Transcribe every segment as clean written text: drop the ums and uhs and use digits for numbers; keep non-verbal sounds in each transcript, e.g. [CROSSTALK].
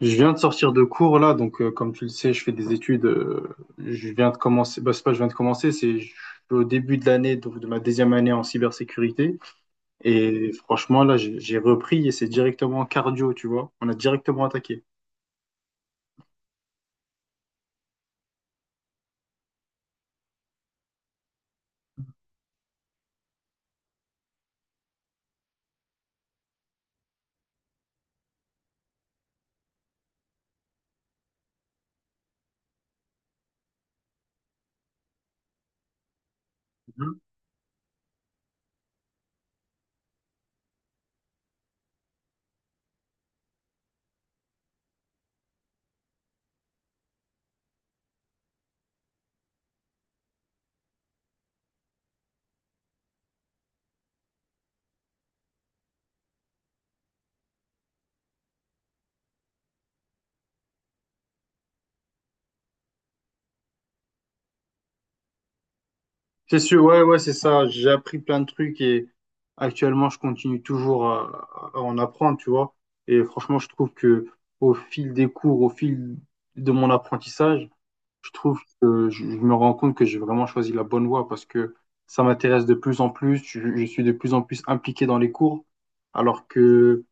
Je viens de sortir de cours là, donc comme tu le sais, je fais des études. Je viens de commencer, bah, c'est pas je viens de commencer, c'est je suis au début de l'année, donc de ma deuxième année en cybersécurité. Et franchement, là, j'ai repris et c'est directement cardio, tu vois. On a directement attaqué. Mhm. C'est sûr, ouais, ouais, c'est ça. J'ai appris plein de trucs et actuellement, je continue toujours à en apprendre, tu vois. Et franchement, je trouve que au fil des cours, au fil de mon apprentissage, je trouve que je me rends compte que j'ai vraiment choisi la bonne voie parce que ça m'intéresse de plus en plus. Je suis de plus en plus impliqué dans les cours, alors que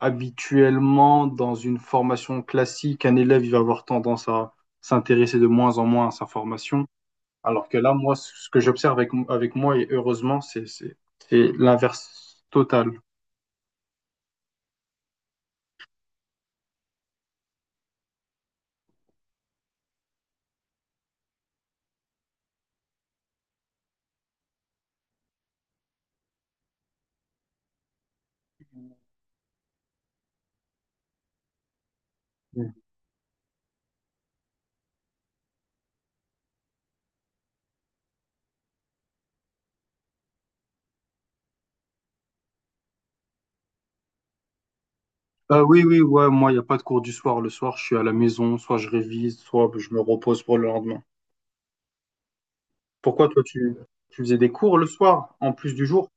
habituellement, dans une formation classique, un élève, il va avoir tendance à s'intéresser de moins en moins à sa formation. Alors que là, moi, ce que j'observe avec, avec moi, et heureusement, c'est l'inverse total. Mm. Oui, oui, ouais, moi, il n'y a pas de cours du soir. Le soir, je suis à la maison, soit je révise, soit je me repose pour le lendemain. Pourquoi toi tu, Tu faisais des cours le soir en plus du jour?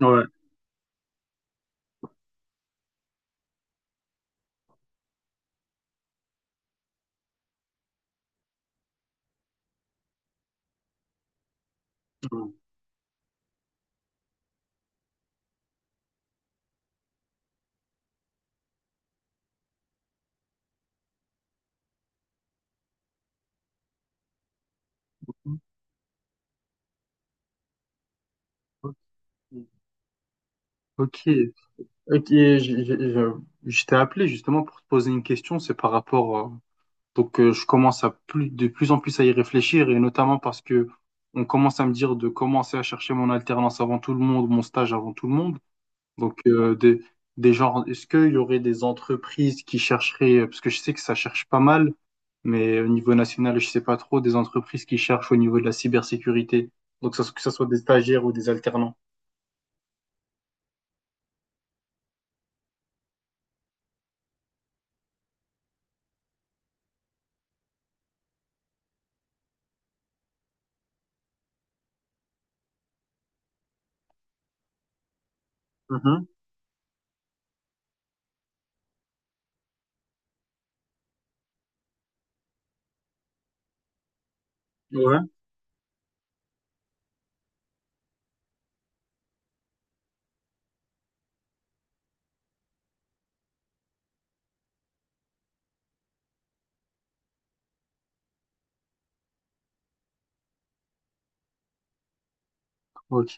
Ouais. Ok, ok, je t'ai appelé justement pour te poser une question, c'est par rapport, donc je commence à plus, de plus en plus à y réfléchir et notamment parce que on commence à me dire de commencer à chercher mon alternance avant tout le monde, mon stage avant tout le monde. Donc, des genres, est-ce qu'il y aurait des entreprises qui chercheraient, parce que je sais que ça cherche pas mal, mais au niveau national, je sais pas trop, des entreprises qui cherchent au niveau de la cybersécurité. Donc, que ce soit des stagiaires ou des alternants. Mhm. Ouais. Ok.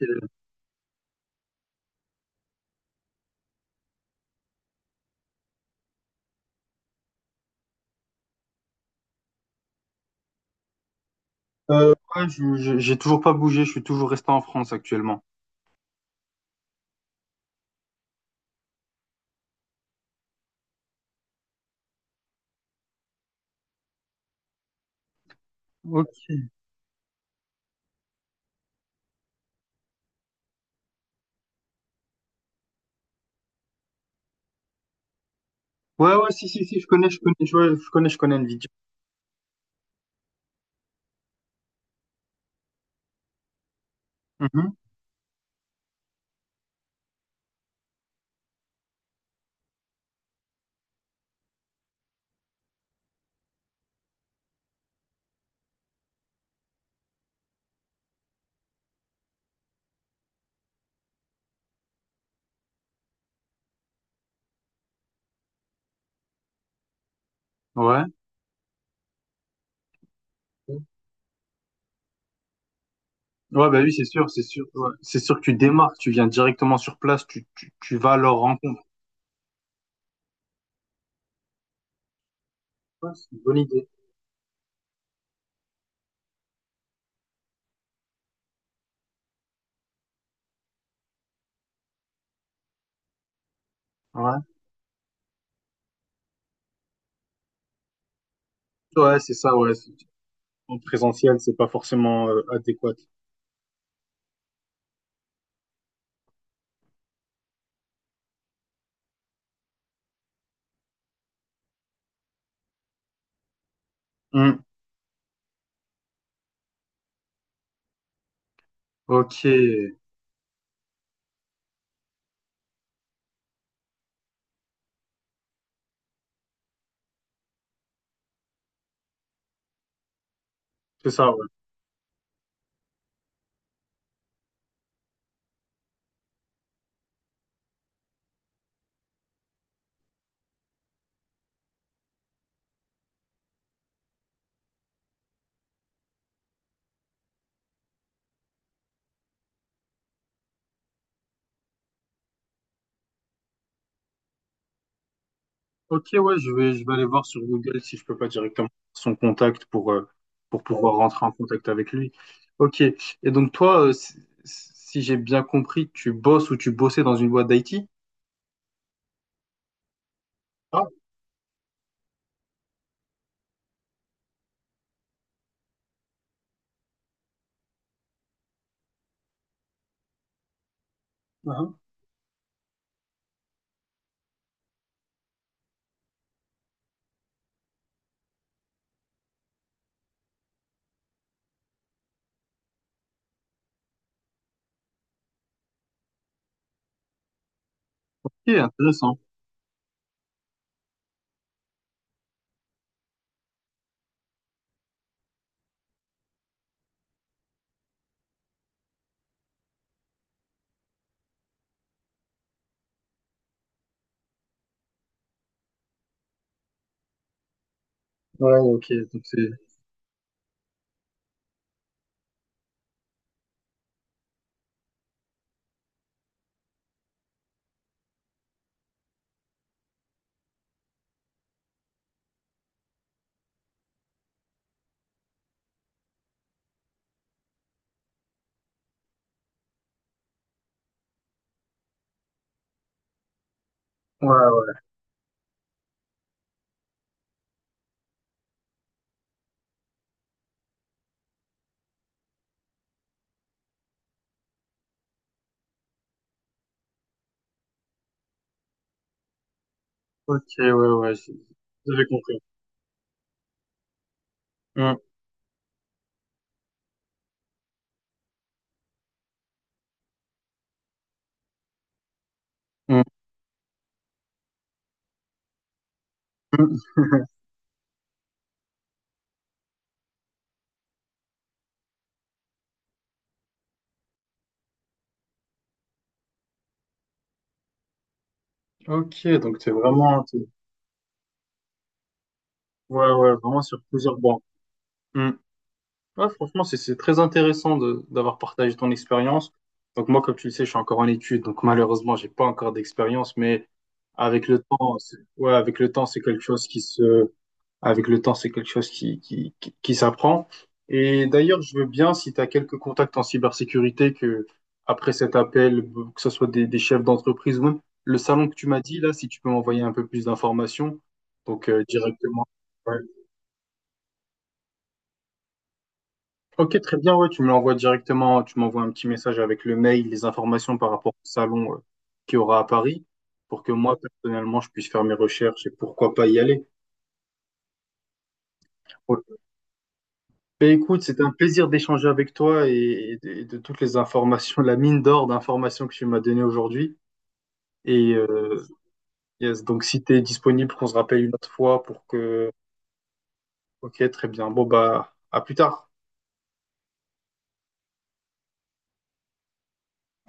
Ouais, j'ai toujours pas bougé, je suis toujours resté en France actuellement. Ok. Ouais, ouais, si, si, si, je connais, je connais, je, ouais, je connais Nvidia. Mhm. Ouais. Ouais, bah oui, c'est sûr, c'est sûr, ouais. C'est sûr que tu démarres, tu viens directement sur place, tu vas à leur rencontre. Ouais, c'est une bonne idée. Ouais, ouais c'est ça, En présentiel, c'est pas forcément adéquat. Hmm. Ok, c'est ça, ouais. Ok, ouais, je vais aller voir sur Google si je peux pas directement faire son contact pour pouvoir rentrer en contact avec lui. Ok, et donc toi, si, si j'ai bien compris, tu bosses ou tu bossais dans une boîte d'IT? Ah, uh-huh. Ok, intéressant. Ouais, ok, donc... c'est... Ouais, ouais, ok, ouais, ouais, j'avais compris. Hmm, hmm, hmm. [LAUGHS] Ok, donc c'est vraiment... Ouais, ouais, vraiment sur plusieurs bancs. Hmm. Ouais, franchement, c'est très intéressant de d'avoir partagé ton expérience. Donc moi, comme tu le sais, je suis encore en études, donc malheureusement, j'ai pas encore d'expérience, mais avec le temps, ouais, avec le temps, c'est quelque chose avec le temps, c'est quelque chose qui s'apprend. Et d'ailleurs, je veux bien, si tu as quelques contacts en cybersécurité, que après cet appel, que ce soit des chefs d'entreprise ou même le salon que tu m'as dit là, si tu peux m'envoyer un peu plus d'informations, donc directement. Ouais, ok, très bien, ouais, tu me l'envoies directement, tu m'envoies un petit message avec le mail, les informations par rapport au salon qui aura à Paris, pour que moi, personnellement, je puisse faire mes recherches et pourquoi pas y aller. Ouais. Ben, écoute, c'est un plaisir d'échanger avec toi et de toutes les informations, la mine d'or d'informations que tu m'as données aujourd'hui. Et yes, donc, si tu es disponible, qu'on se rappelle une autre fois pour que... Ok, très bien. Bon, bah, à plus tard.